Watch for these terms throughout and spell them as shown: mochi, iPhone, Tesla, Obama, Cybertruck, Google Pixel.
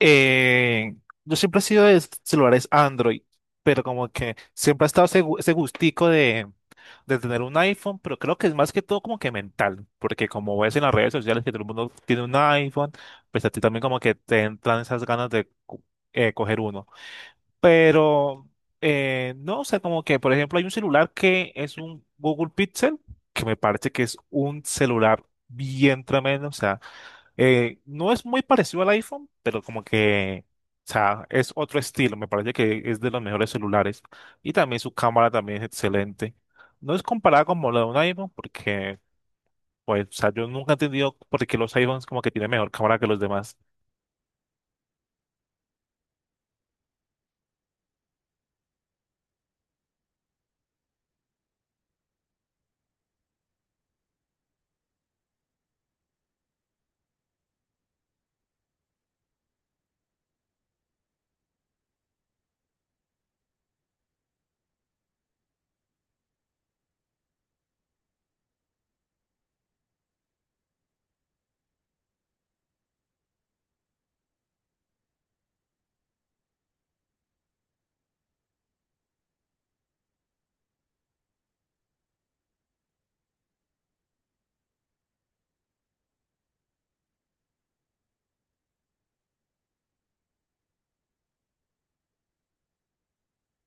Eh, yo siempre he sido de celulares Android, pero como que siempre ha estado ese gustico de tener un iPhone, pero creo que es más que todo como que mental, porque como ves en las redes sociales que todo el mundo tiene un iPhone, pues a ti también como que te entran esas ganas de coger uno. Pero no, o sea, como que por ejemplo hay un celular que es un Google Pixel, que me parece que es un celular bien tremendo, o sea. No es muy parecido al iPhone, pero como que, o sea, es otro estilo. Me parece que es de los mejores celulares. Y también su cámara también es excelente. No es comparada como la de un iPhone, porque, pues, o sea, yo nunca he entendido por qué los iPhones como que tienen mejor cámara que los demás.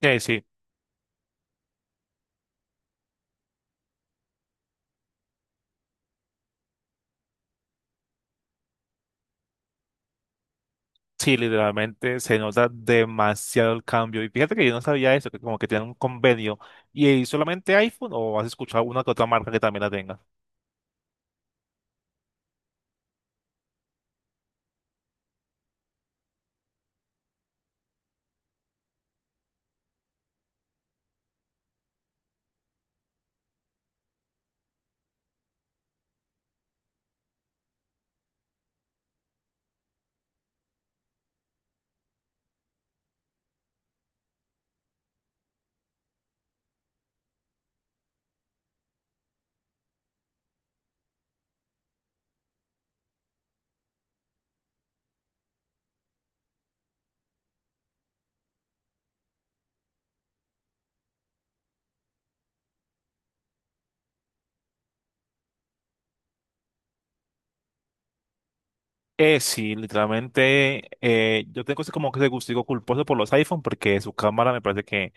Eh, sí, sí, literalmente se nota demasiado el cambio. Y fíjate que yo no sabía eso, que como que tienen un convenio. ¿Y solamente iPhone o has escuchado una que otra marca que también la tenga? Sí, literalmente, yo tengo ese como que ese gustico culposo por los iPhone porque su cámara me parece que,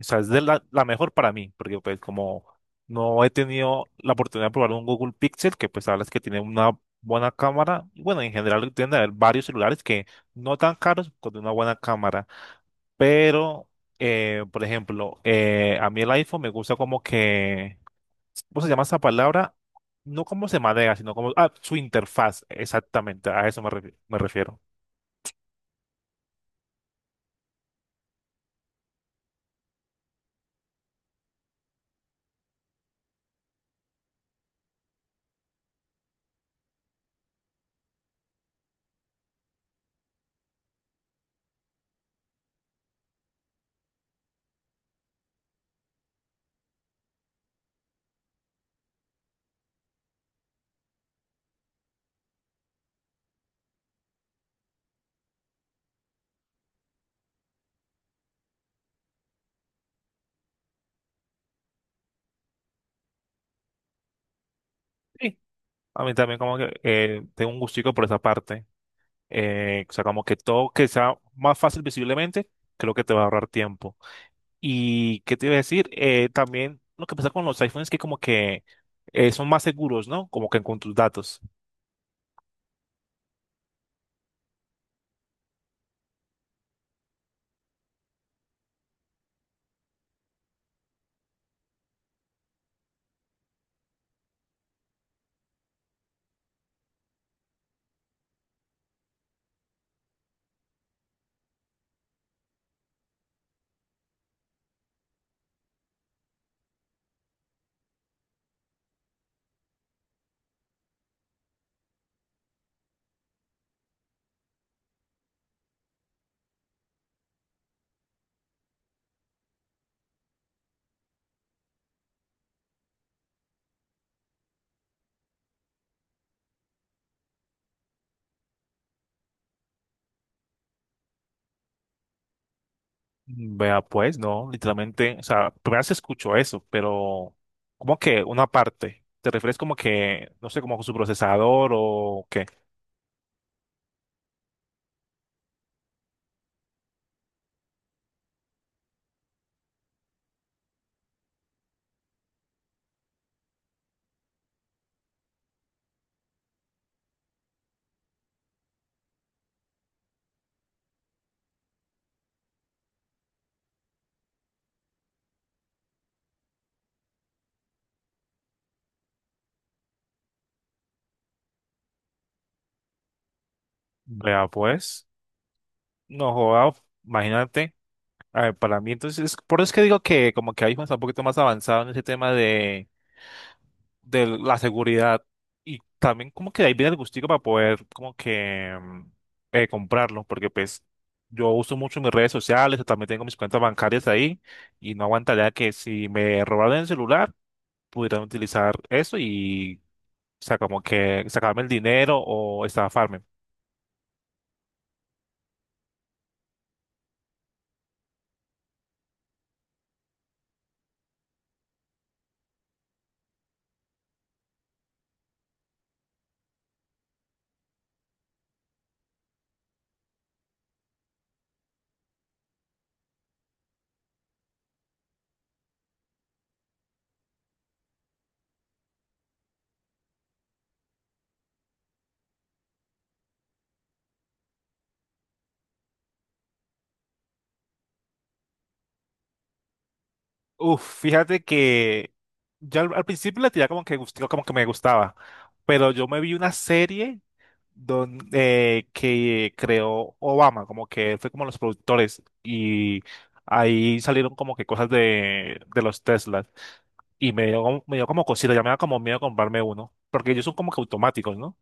o sea, es de la mejor para mí, porque pues como no he tenido la oportunidad de probar un Google Pixel, que pues sabes que tiene una buena cámara, y bueno, en general tienden a haber varios celulares que no tan caros con una buena cámara, pero, por ejemplo, a mí el iPhone me gusta como que ¿cómo se llama esa palabra? No como se maneja, sino como ah, su interfaz, exactamente, a eso me refiero. Sí, a mí también como que tengo un gustico por esa parte. O sea, como que todo que sea más fácil visiblemente, creo que te va a ahorrar tiempo. ¿Y qué te iba a decir? También lo que pasa con los iPhones es que como que son más seguros, ¿no? Como que con tus datos. Vea, pues, no, literalmente, o sea, primero se escuchó eso, pero como que una parte, ¿te refieres como que, no sé, como su procesador o qué? Vea, pues, no joda, imagínate, a ver, para mí entonces, por eso es que digo que como que iPhone está un poquito más avanzado en ese tema de la seguridad y también como que de ahí viene el gustico para poder como que comprarlo, porque pues yo uso mucho mis redes sociales, también tengo mis cuentas bancarias ahí y no aguantaría que si me robaran el celular pudieran utilizar eso y o sea, como que sacarme el dinero o estafarme. Uf, fíjate que ya al principio la tiraba como que gustico, como que me gustaba, pero yo me vi una serie que creó Obama, como que fue como los productores y ahí salieron como que cosas de los Teslas y me dio, me dio como cosita, ya me da como miedo comprarme uno, porque ellos son como que automáticos, ¿no?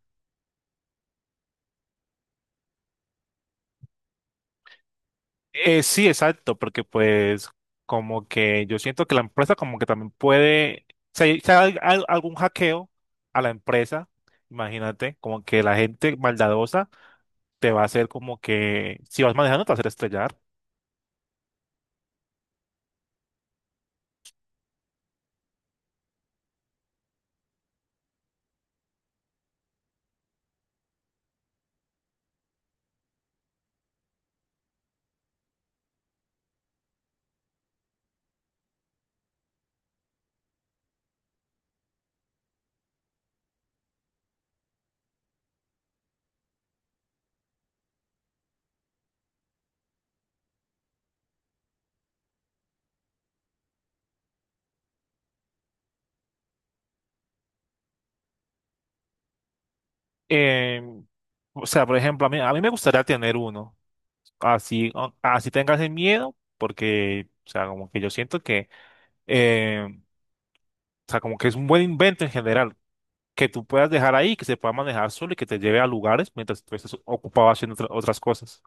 Sí, exacto, porque pues como que yo siento que la empresa como que también puede, si hay algún hackeo a la empresa, imagínate, como que la gente maldadosa te va a hacer como que, si vas manejando, te va a hacer estrellar. Eh, o sea, por ejemplo, a mí me gustaría tener uno. Así, así tengas el miedo, porque, o sea, como que yo siento que, o sea, como que es un buen invento en general, que tú puedas dejar ahí, que se pueda manejar solo y que te lleve a lugares mientras tú estés ocupado haciendo otras cosas.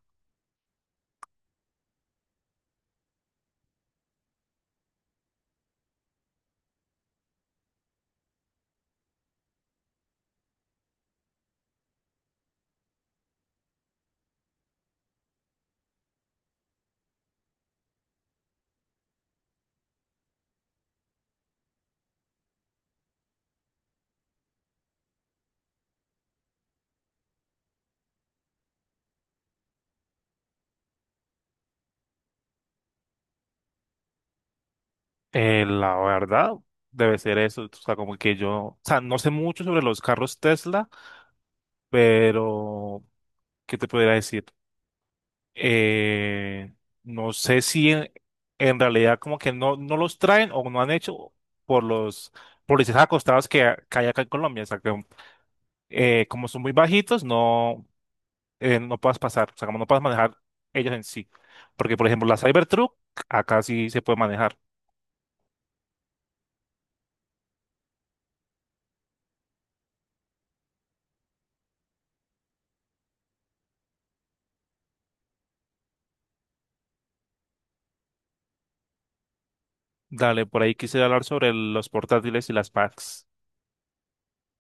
La verdad, debe ser eso. O sea, como que yo, o sea, no sé mucho sobre los carros Tesla, pero, ¿qué te podría decir? eh, no sé si en realidad como que no los traen o no han hecho por los policías acostados que hay acá en Colombia. O sea, que como son muy bajitos, no, no puedes pasar, o sea, como no puedes manejar ellos en sí. Porque, por ejemplo, la Cybertruck acá sí se puede manejar. Dale, por ahí quise hablar sobre los portátiles y las packs.